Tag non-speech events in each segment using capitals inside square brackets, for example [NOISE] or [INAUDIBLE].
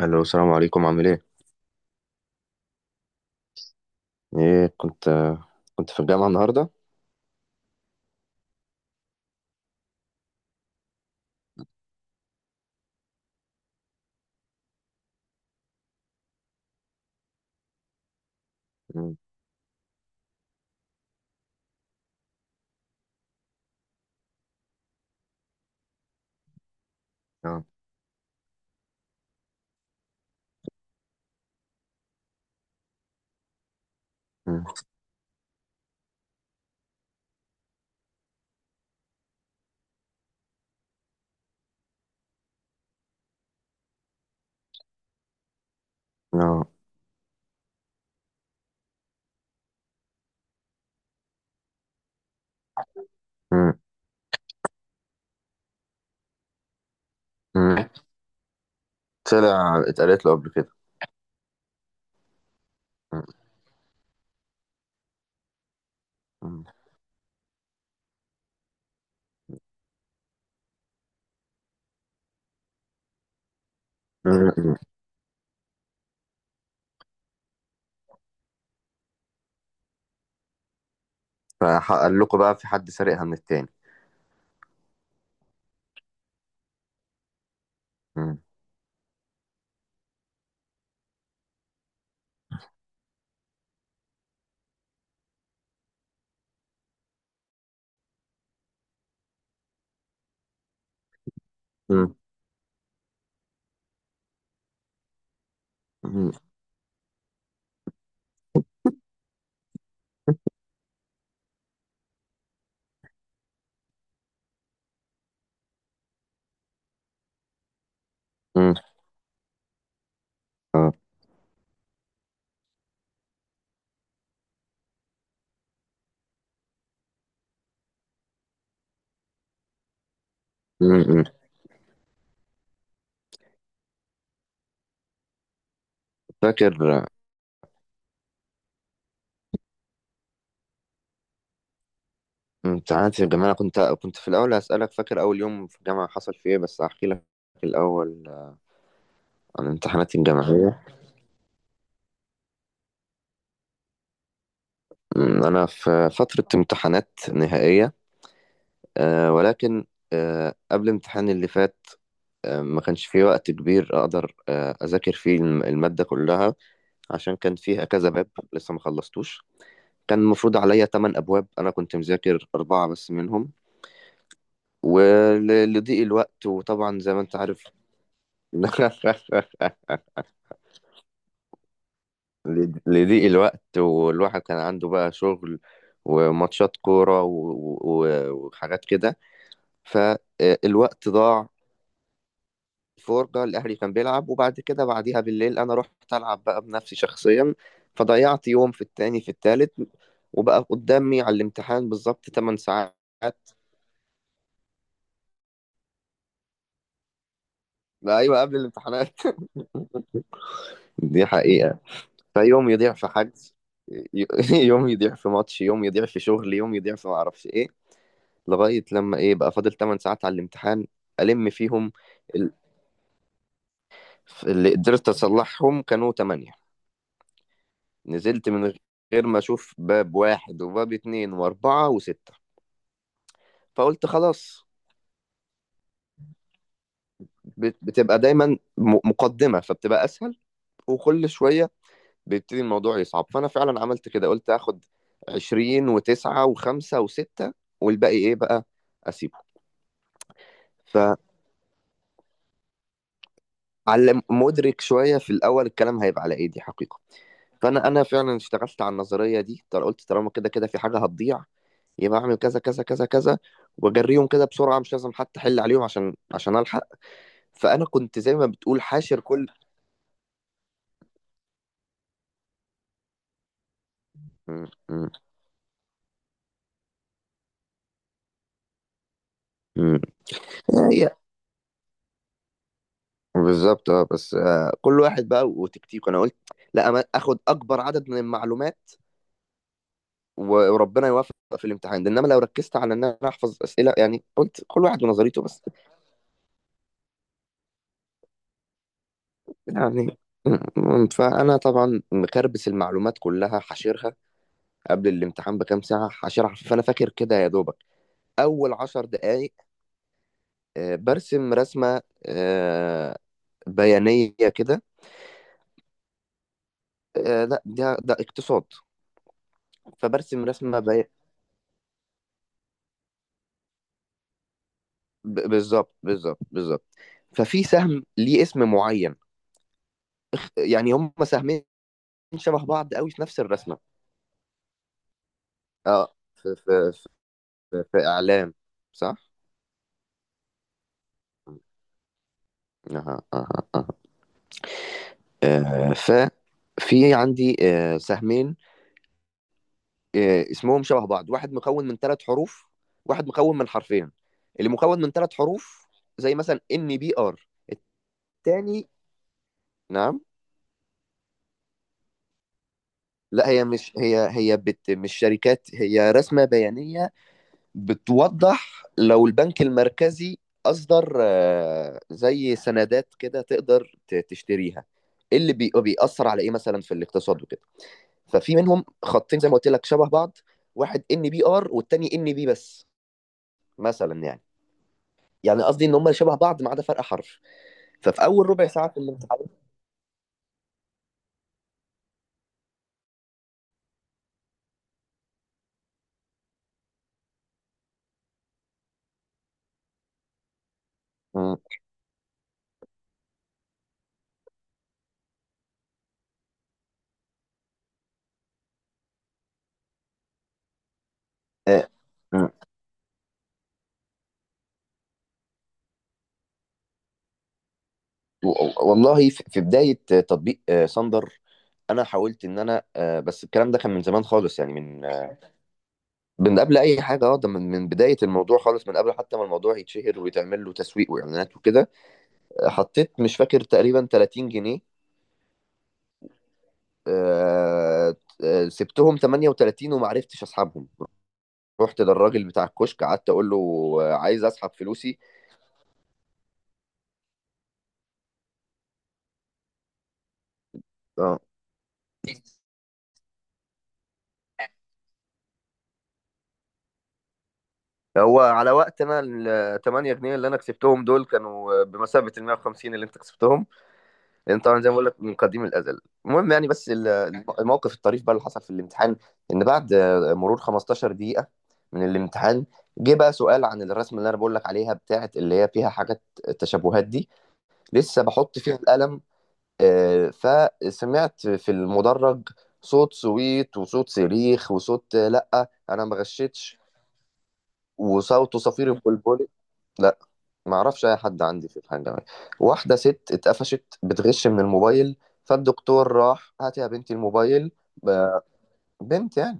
الو، السلام عليكم، عامل ايه؟ ايه، كنت في الجامعه النهارده. مم. اه. مم. اه. مم. مم. طلع اتقالت له قبل كده. مم. مم. مم. فقال لكم بقى في حد سرقها من التاني؟ مم. مم. مم. مم. مم. فاكر آه، امتحانات الجامعه. أنا كنت في الاول. هسالك، فاكر اول يوم في الجامعه حصل فيه ايه؟ بس هحكي لك الاول، عن امتحاناتي الجامعيه. مم. انا في فتره امتحانات نهائيه، ولكن قبل امتحاني اللي فات ما كانش في وقت كبير اقدر اذاكر فيه المادة كلها، عشان كان فيها كذا باب لسه ما خلصتوش. كان المفروض عليا 8 ابواب، انا كنت مذاكر اربعة بس منهم، ولضيق الوقت وطبعا زي ما انت عارف. [LAUGHS] لضيق الوقت، والواحد كان عنده بقى شغل وماتشات كورة و- و- وحاجات كده، فالوقت ضاع. الفرجة، الأهلي كان بيلعب، وبعد كده بعديها بالليل أنا رحت ألعب بقى بنفسي شخصيا. فضيعت يوم، في التاني، في التالت، وبقى قدامي على الامتحان بالظبط 8 ساعات. لا، أيوة، قبل الامتحانات. [LAUGHS] دي حقيقة. فيوم يضيع في حجز، ي- [LAUGHS] يوم يضيع في ماتش، يوم يضيع في شغل، يوم يضيع في معرفش إيه، لغاية لما إيه بقى فاضل 8 ساعات على الامتحان. ألم فيهم، ال- اللي قدرت أصلحهم كانوا 8. نزلت من غير ما أشوف باب واحد وباب اتنين وأربعة وستة، فقلت خلاص. بتبقى دايما مقدمة فبتبقى أسهل، وكل شوية بيبتدي الموضوع يصعب. فأنا فعلا عملت كده، قلت هاخد 20 وتسعة وخمسة وستة، والباقي إيه بقى أسيبه. فعلم مدرك شوية، في الأول الكلام هيبقى على إيه. دي حقيقة. فأنا فعلا اشتغلت على النظرية دي. قلت طالما كده كده في حاجة هتضيع، يبقى اعمل كذا كذا كذا كذا، واجريهم كده بسرعه، مش لازم حتى احل عليهم، عشان الحق. فانا كنت زي ما بتقول حاشر كل. م- م- هي بالظبط. اه، بس كل واحد بقى وتكتيكه. انا قلت لا، أما اخد اكبر عدد من المعلومات و- وربنا يوفق في الامتحان ده، انما لو ركزت على ان انا احفظ اسئله، يعني قلت كل واحد ونظريته بس. يعني، فانا طبعا مكربس المعلومات كلها حاشرها قبل الامتحان بكام ساعه، حاشرها. فانا فاكر كده، يا دوبك اول 10 دقائق برسم رسمه بيانيه كده. لا، ده اقتصاد. فبرسم رسمه بالظبط بالظبط بالظبط. ففي سهم ليه اسم معين، يعني هم سهمين شبه بعض قوي في نفس الرسمة. اه، في اعلام، صح. اها، اها، اها. آه، ف في عندي سهمين، اسمهم شبه بعض. واحد مكون من ثلاث حروف، واحد مكون من حرفين. اللي مكون من ثلاث حروف زي مثلا ان بي ار. التاني. نعم. لا، هي مش، هي هي بت مش شركات، هي رسمة بيانية، بتوضح لو البنك المركزي أصدر زي سندات كده تقدر تشتريها، إيه اللي بيأثر على إيه مثلا في الاقتصاد وكده. ففي منهم خطين زي ما قلت لك شبه بعض، واحد ان بي ار والتاني ان بي بس، مثلا يعني قصدي ان هم شبه بعض ما عدا فرق حرف. ففي اول ربع ساعه في الامتحان. مم. آه، مم. والله، في بدايه تطبيق صندر، انا حاولت ان انا آه، بس الكلام ده كان من زمان خالص، يعني من قبل اي حاجه. اه، ده من بدايه الموضوع خالص، من قبل حتى ما الموضوع يتشهر ويتعمل له تسويق واعلانات وكده. حطيت، مش فاكر، تقريبا 30 جنيه. آه، سبتهم 38 وما عرفتش اسحبهم. رحت للراجل بتاع الكشك قعدت اقول له عايز اسحب فلوسي. اه. هو على وقت، انا ال 8 جنيه اللي انا كسبتهم دول كانوا بمثابه ال 150 اللي انت كسبتهم، لان طبعا زي ما بقول لك من قديم الازل. المهم، يعني، بس الموقف الطريف بقى اللي حصل في الامتحان، ان بعد مرور 15 دقيقه من الامتحان، جه بقى سؤال عن الرسمه اللي انا بقول لك عليها بتاعه، اللي هي فيها حاجات التشابهات دي. لسه بحط فيها القلم، فسمعت في المدرج صوت سويت وصوت صريخ وصوت، لا انا ما غشيتش. وصوت صفير البلبل. لا، ما اعرفش اي حد عندي في الحاجه دي. واحده ست اتقفشت بتغش من الموبايل، فالدكتور راح، هاتي يا بنتي الموبايل. ب- بنت يعني.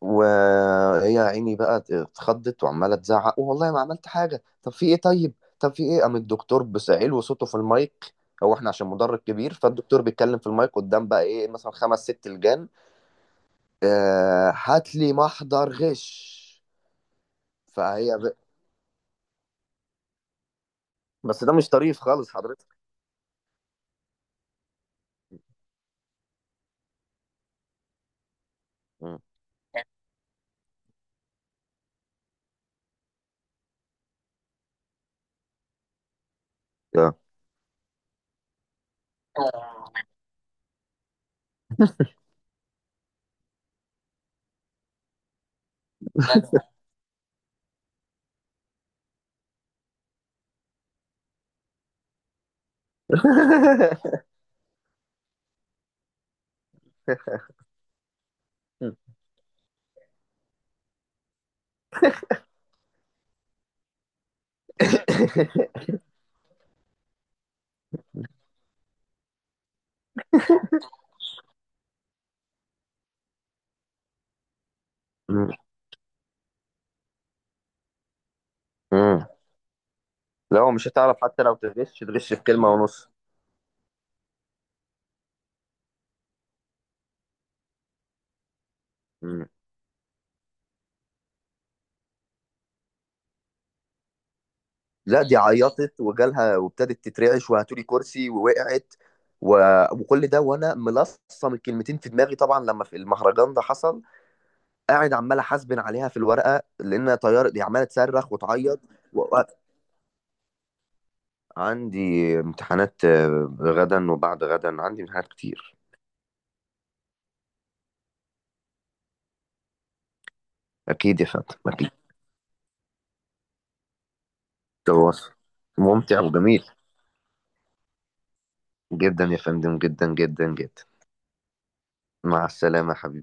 وهي يا عيني بقى اتخضت وعماله تزعق، والله ما عملت حاجه، طب في ايه، طيب، طب في ايه. قام الدكتور بسعيل وصوته في المايك، هو احنا عشان مدرج كبير، فالدكتور بيتكلم في المايك قدام بقى ايه مثلا خمس ست لجان. هات لي محضر غش. فهي بس ده مش طريف خالص حضرتك. مم. آه. [LAUGHS] مم. مم. لا، هو مش هتعرف، حتى لو تغش تغش في كلمة ونص. مم. لا، دي عيطت وجالها وابتدت تترعش وهاتولي كرسي ووقعت. و... وكل ده وانا ملصم الكلمتين في دماغي طبعا، لما في المهرجان ده حصل، قاعد عمال احاسبن عليها في الورقة، لانها طيار دي عمالة صرخ وتعيط. و... عندي امتحانات غدا وبعد غدا، عندي امتحانات كتير. اكيد يا فندم، اكيد. تواصل ممتع وجميل جدا يا فندم، جدا جدا جدا. مع السلامة يا حبيبي.